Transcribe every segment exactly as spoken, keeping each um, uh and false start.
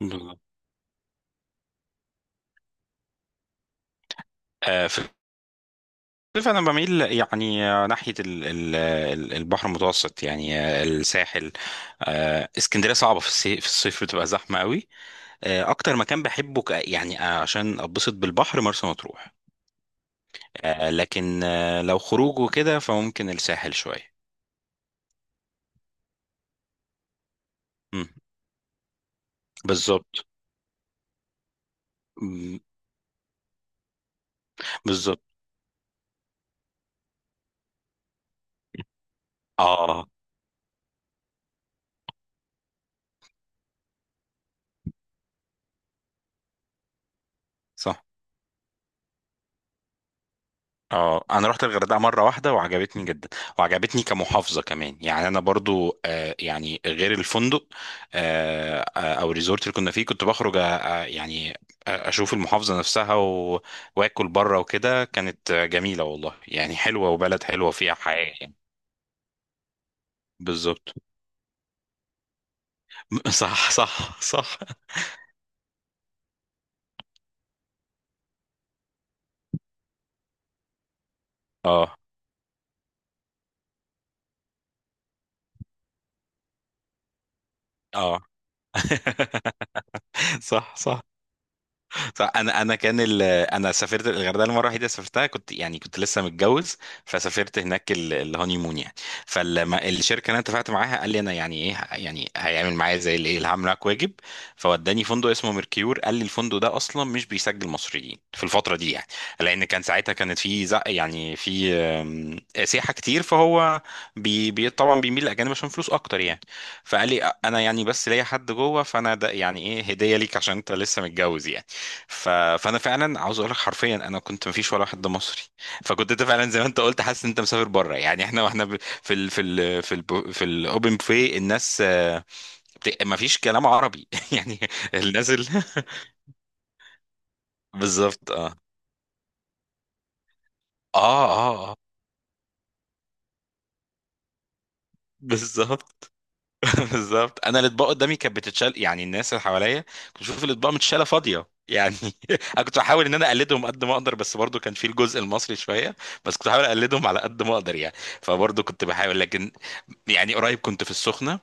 بالظبط. آه، في الصيف انا بميل يعني آه، ناحيه ال- ال- ال- البحر المتوسط، يعني آه، الساحل. آه، اسكندريه صعبه في الصيف، في الصيف بتبقى زحمه قوي. آه، اكتر مكان بحبه ك- يعني آه، عشان اتبسط بالبحر مرسى مطروح. آه، لكن آه، لو خروج وكده فممكن الساحل شويه. مم. بالظبط. مم. بالظبط. اه. صح. اه، انا رحت الغردقه مره واحده وعجبتني جدا، وعجبتني كمحافظه كمان. يعني انا برضو آه يعني غير الفندق آه آه، او الريزورت اللي كنا فيه كنت بخرج آه آه، يعني آه، اشوف المحافظه نفسها و... واكل بره وكده. كانت آه، جميله والله، يعني حلوه وبلد حلوه فيها حياه يعني. بالظبط. صح، صح، صح. اه، اه. صح، صح. فانا انا كان ال... انا سافرت الغردقه المره الوحيده سافرتها كنت، يعني كنت لسه متجوز، فسافرت هناك ال- الهوني مون يعني. فلما الشركه اللي انا اتفقت معاها قال لي انا يعني ايه، يعني هيعمل معايا زي الايه، اللي هعمل معاك واجب. فوداني فندق اسمه ميركيور، قال لي الفندق ده اصلا مش بيسجل مصريين في الفتره دي يعني، لان كان ساعتها كانت في زق، يعني في آم، سياحه كتير، فهو بي... بي... طبعا بيميل للاجانب عشان فلوس اكتر يعني. فقال لي انا يعني بس ليا حد جوه، فانا ده يعني ايه هديه ليك عشان انت لسه متجوز يعني. ف... فانا فعلا عاوز اقول لك حرفيا انا كنت مفيش ولا واحد ده مصري. فكنت انت فعلا زي ما انت قلت حاسس ان انت مسافر بره، يعني احنا واحنا ب... في ال... في ال... في ال... في الاوبن بوفيه الناس آه، بت... مفيش كلام عربي يعني. الناس ال... بالظبط. اه، اه، اه. آه. بالظبط. بالظبط، انا الاطباق قدامي كانت بتتشال، يعني الناس اللي حواليا كنت بشوف الاطباق متشاله فاضيه يعني. انا كنت بحاول ان انا اقلدهم قد ما اقدر، بس برضو كان في الجزء المصري شويه، بس كنت بحاول اقلدهم على قد ما اقدر يعني. فبرضو كنت بحاول، لكن يعني قريب كنت في السخنه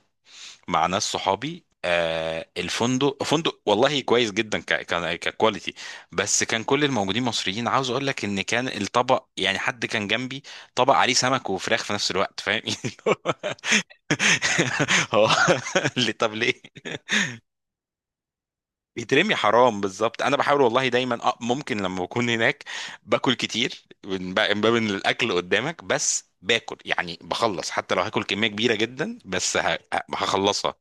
مع ناس صحابي. آه الفندق فندق والله كويس جدا، ك كان ككواليتي، بس كان كل الموجودين مصريين. عاوز اقول لك ان كان الطبق، يعني حد كان جنبي طبق عليه سمك وفراخ في نفس الوقت، فاهم؟ هو اللي طب ليه بيترمي حرام؟ بالظبط، انا بحاول والله دايما. أه، ممكن لما بكون هناك باكل كتير من باب من باب إن الاكل قدامك، بس باكل يعني بخلص حتى لو هاكل كميه كبيره جدا، بس ه- هخلصها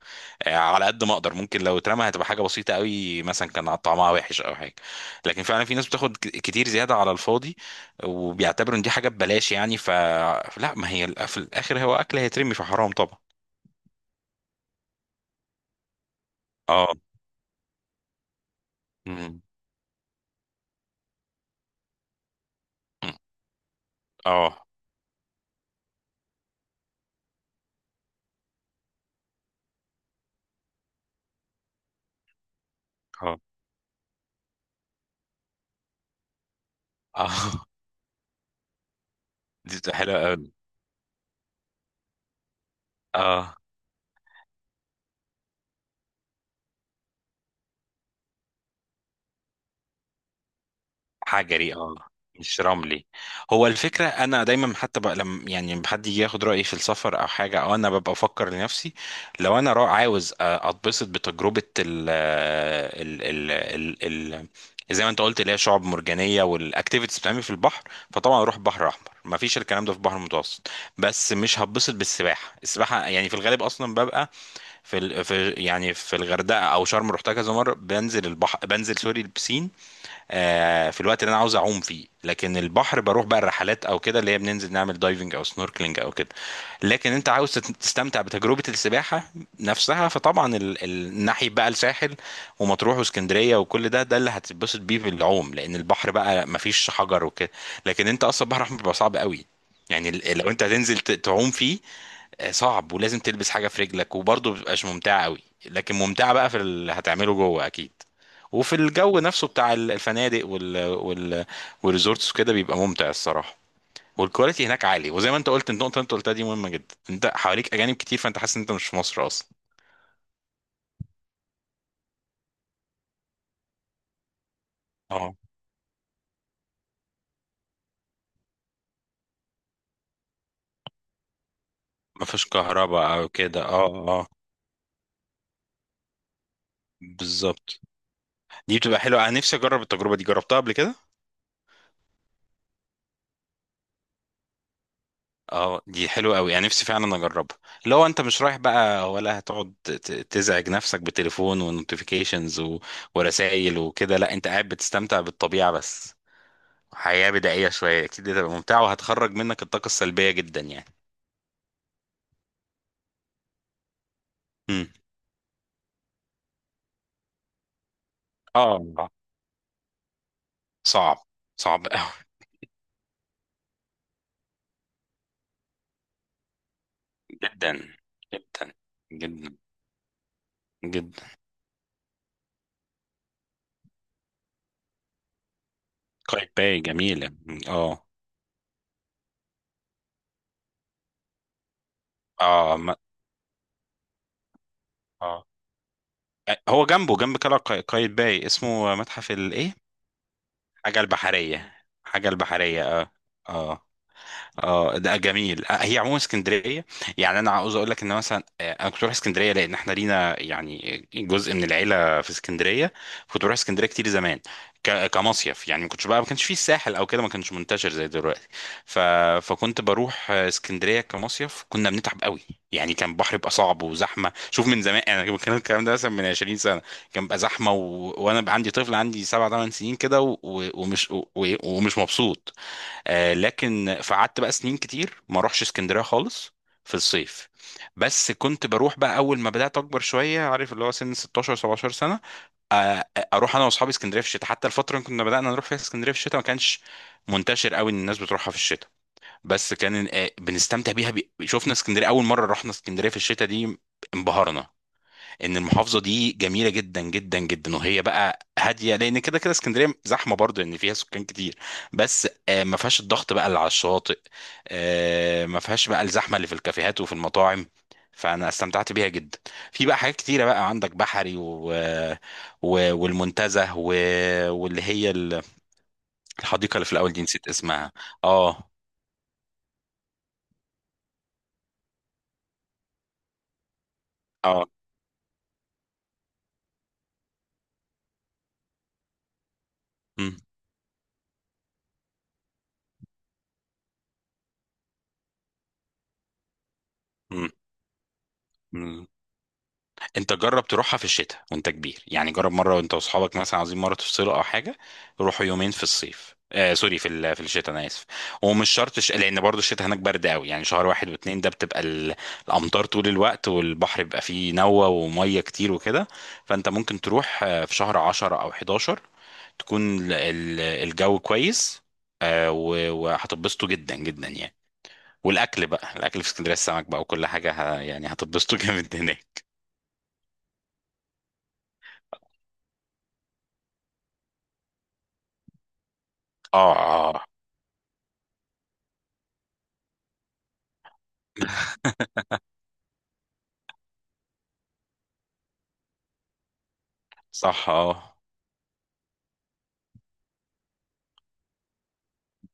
آه، على قد ما اقدر. ممكن لو اترمى هتبقى حاجه بسيطه قوي، مثلا كان طعمها وحش او حاجه. لكن فعلا في ناس بتاخد ك- كتير زياده على الفاضي، وبيعتبروا ان دي حاجه ببلاش يعني. فلا، ما هي ال- في الاخر هو اكل هيترمي، فحرام طبعا. اه. مم. اه. اه. اه. دي بتبقى حلوة قوي. اه. حجري، اه، مش رملي. هو الفكرة أنا دايما حتى بقى لما يعني لما حد يجي ياخد رأيي في السفر أو حاجة، أو أنا ببقى أفكر لنفسي، لو أنا را عاوز أ- أتبسط بتجربة ال ال ال ال ال زي ما أنت قلت، اللي هي شعاب مرجانية والأكتيفيتيز بتعمل في البحر، فطبعا أروح بحر أحمر، مفيش الكلام ده في البحر المتوسط. بس مش هتبسط بالسباحة، السباحة يعني في الغالب أصلا ببقى في ال... في يعني في الغردقه او شرم، رحتها كذا مره، بنزل البحر، بنزل سوري البسين آه في الوقت اللي انا عاوز اعوم فيه. لكن البحر بروح بقى الرحلات او كده، اللي هي بننزل نعمل دايفنج او سنوركلينج او كده. لكن انت عاوز تت- تستمتع بتجربه السباحه نفسها، فطبعا ال... ال- ناحيه بقى الساحل ومطروح واسكندريه وكل ده، ده اللي هتتبسط بيه في العوم، لان البحر بقى مفيش حجر وكده. لكن انت اصلا البحر الاحمر بيبقى صعب قوي، يعني ال- لو انت هتنزل ت- تعوم فيه آه، صعب، ولازم تلبس حاجه في رجلك، وبرضه بتبقاش ممتعه قوي. لكن ممتعه بقى في اللي هتعمله جوه اكيد، وفي الجو نفسه بتاع ال- الفنادق وال وال والريزورتس وكده بيبقى ممتع الصراحه، والكواليتي هناك عالي. وزي ما انت قلت، النقطه اللي انت قلتها دي مهمه جدا، انت حواليك اجانب كتير، فانت حاسس ان انت مش في مصر اصلا. اه، مفيش كهرباء او كده، اه، اه. بالظبط، دي بتبقى حلوه، انا نفسي اجرب التجربه دي، جربتها قبل كده. اه، دي حلوة قوي، انا نفسي فعلا اجربها. لو انت مش رايح بقى ولا هتقعد ت- تزعج نفسك بتليفون ونوتيفيكيشنز و... ورسائل وكده، لا انت قاعد بتستمتع بالطبيعة بس. حياة بدائية شوية، اكيد هتبقى ممتعة، وهتخرج منك الطاقة السلبية جدا يعني. امم. اه. صعب، صعب قوي. جدا، جدا. جدا، جدا. قايتباي جميلة. مم. اه. اه. ما- اه. هو جنبه جنب قلعة قاي- قايتباي اسمه متحف الايه؟ حاجة البحرية، حاجة البحرية اه. اه. اه، ده جميل. آه، هي عموما اسكندريه، يعني انا عاوز اقول لك ان مثلا آه، انا كنت بروح اسكندريه لان احنا لينا يعني جزء من العيله في اسكندريه. كنت بروح اسكندريه كتير زمان، ك- كمصيف يعني. ما كنتش بقى، ما كانش فيه الساحل او كده، ما كانش منتشر زي دلوقتي. ف... فكنت بروح آه، اسكندريه كمصيف، كنا بنتعب قوي يعني، كان البحر بيبقى صعب وزحمه. شوف، من زمان انا كان الكلام ده مثلا من عشرين سنة سنه، كان بقى زحمه، و... وانا بقى عندي طفل عندي سبعة تمان سنين كده، و... و- ومش و... و- ومش مبسوط آه لكن. فقعدت بقى سنين كتير ما اروحش اسكندريه خالص في الصيف. بس كنت بروح بقى اول ما بدات اكبر شويه، عارف، اللي هو سن ستاشر سبعة عشر سنه. آه آه، اروح انا واصحابي اسكندريه في الشتاء. حتى الفتره اللي كنا بدانا نروح فيها اسكندريه في الشتاء ما كانش منتشر قوي ان الناس بتروحها في الشتاء، بس كان آه بنستمتع بيها. بي... شفنا اسكندريه اول مره رحنا اسكندريه في الشتاء دي انبهرنا ان المحافظه دي جميله جدا جدا جدا، وهي بقى هاديه، لان كده كده اسكندريه زحمه برضه، ان فيها سكان كتير، بس آه، ما فيهاش الضغط بقى اللي على الشاطئ، آه، ما فيهاش بقى الزحمه اللي في الكافيهات وفي المطاعم. فانا استمتعت بيها جدا، في بقى حاجات كتيره بقى، عندك بحري و... و... والمنتزه و... واللي هي الحديقه اللي في الاول دي، نسيت اسمها. اه. اه. مم. مم. انت جرب تروحها في الشتاء وانت كبير يعني. جرب مره وانت واصحابك مثلا عايزين مره تفصلوا او حاجه، روحوا يومين في الصيف، آه سوري في ال- في الشتاء، انا اسف. ومش شرط ش... لان برضو الشتاء هناك برد قوي، يعني شهر واحد واتنين ده بتبقى ال... الامطار طول الوقت، والبحر بيبقى فيه نوة وميه كتير وكده. فانت ممكن تروح آه، في شهر عشرة او حداشر تكون ال... ال- الجو كويس، آه و... وهتتبسطوا جدا جدا يعني. والاكل بقى، الاكل في اسكندريه، السمك بقى وكل حاجه، ه... يعني هتتبسطوا جامد هناك. اه، آه، آه. صح، اه.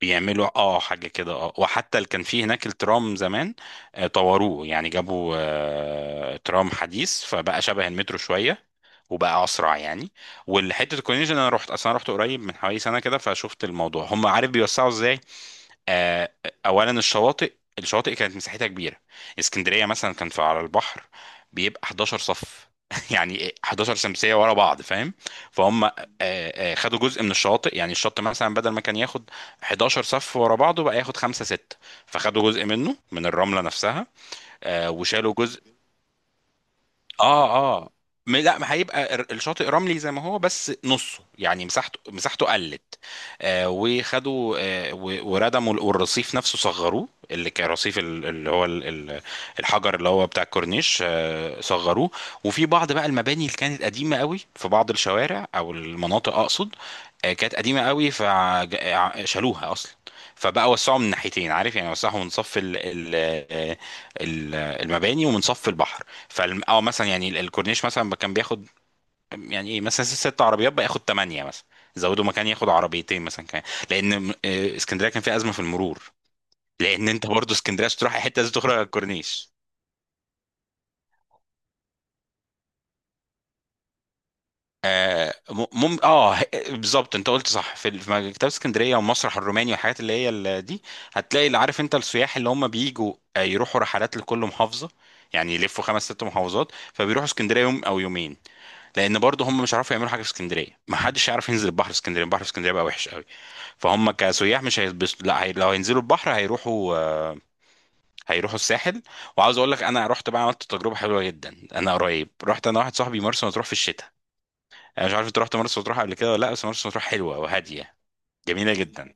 بيعملوا، اه، حاجة كده، اه. وحتى اللي كان فيه هناك الترام زمان آه، طوروه، يعني جابوا آه، ترام حديث، فبقى شبه المترو شوية، وبقى اسرع يعني. والحته الكورنيش انا رحت، اصلا رحت قريب من حوالي سنه كده، فشفت الموضوع. هم عارف بيوسعوا ازاي؟ آه، اولا الشواطئ، الشواطئ كانت مساحتها كبيره. اسكندريه مثلا كان في على البحر بيبقى 11 صف يعني حداشر شمسية شمسيه ورا بعض، فاهم؟ فهم آه، آه، خدوا جزء من الشواطئ، يعني الشط مثلا بدل ما كان ياخد حداشر صف ورا بعضه بقى ياخد خمسة ستة، فخدوا جزء منه من الرمله نفسها. آه، وشالوا جزء. اه. اه. م- لا، ما هيبقى الر- الشاطئ رملي زي ما هو، بس نصه، يعني مساحته مساحته قلت. آه وخدوا آه و- وردموا ال- والرصيف نفسه صغروه، اللي كان رصيف ال- اللي هو ال- ال- الحجر اللي هو بتاع الكورنيش، آه صغروه. وفي بعض بقى المباني اللي كانت قديمة قوي، في بعض الشوارع او المناطق اقصد، آه كانت قديمة قوي فشالوها اصلا. فبقى وسعوا من ناحيتين، عارف، يعني وسعوا من صف ال ال آه، ال- المباني ومن صف البحر. فالم... او مثلا يعني ال- الكورنيش مثلا كان بياخد يعني ايه مثلا ست عربيات، بقى ياخد ثمانيه مثلا، زودوا مكان ياخد عربيتين مثلا كمان، لان م- آه، اسكندريه كان فيها ازمه في المرور، لان انت برضه اسكندريه عشان تروح اي حته لازم تخرج على الكورنيش. آه م- مم اه ه- بالظبط، انت قلت صح. في ال- في مكتبه اسكندريه والمسرح الروماني والحاجات اللي هي ال- دي، هتلاقي، اللي عارف انت السياح اللي هم بيجوا آه، يروحوا رحلات لكل محافظه، يعني يلفوا خمس ست محافظات، فبيروحوا اسكندريه يوم او يومين، لان برضه هم مش هيعرفوا يعملوا حاجه في اسكندريه، ما حدش يعرف ينزل البحر في اسكندريه، البحر في اسكندريه بقى وحش قوي. فهم كسياح مش هيتبسطوا، لا هي... لو هينزلوا البحر هيروحوا، هيروحوا الساحل. وعاوز اقول لك انا رحت بقى عملت تجربه حلوه جدا، انا قريب رحت انا واحد صاحبي مرسى مطروح في الشتاء. انا مش عارف انت رحت مرسى مطروح قبل كده ولا لا، بس مرسى مطروح حلوه وهاديه، جميله جدا.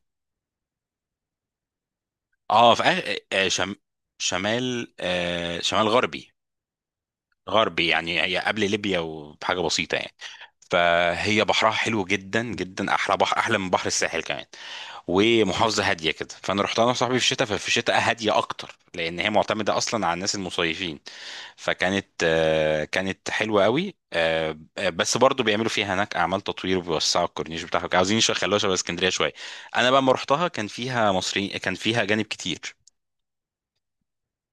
اه، في أغ... آه شم... شمال، آه شمال غربي. غربي يعني، هي قبل ليبيا وبحاجه بسيطه يعني. فهي بحرها حلو جدا جدا، احلى بحر، احلى من بحر الساحل كمان، ومحافظه هاديه كده. فانا رحت انا وصاحبي في الشتاء، ففي الشتاء هاديه اكتر، لان هي معتمده اصلا على الناس المصيفين. فكانت آه، كانت حلوه قوي. آه، بس برضو بيعملوا فيها هناك اعمال تطوير، وبيوسعوا الكورنيش بتاعهم، عاوزين يخلوها شبه اسكندريه شويه. انا بقى لما رحتها كان فيها مصريين، كان فيها اجانب كتير.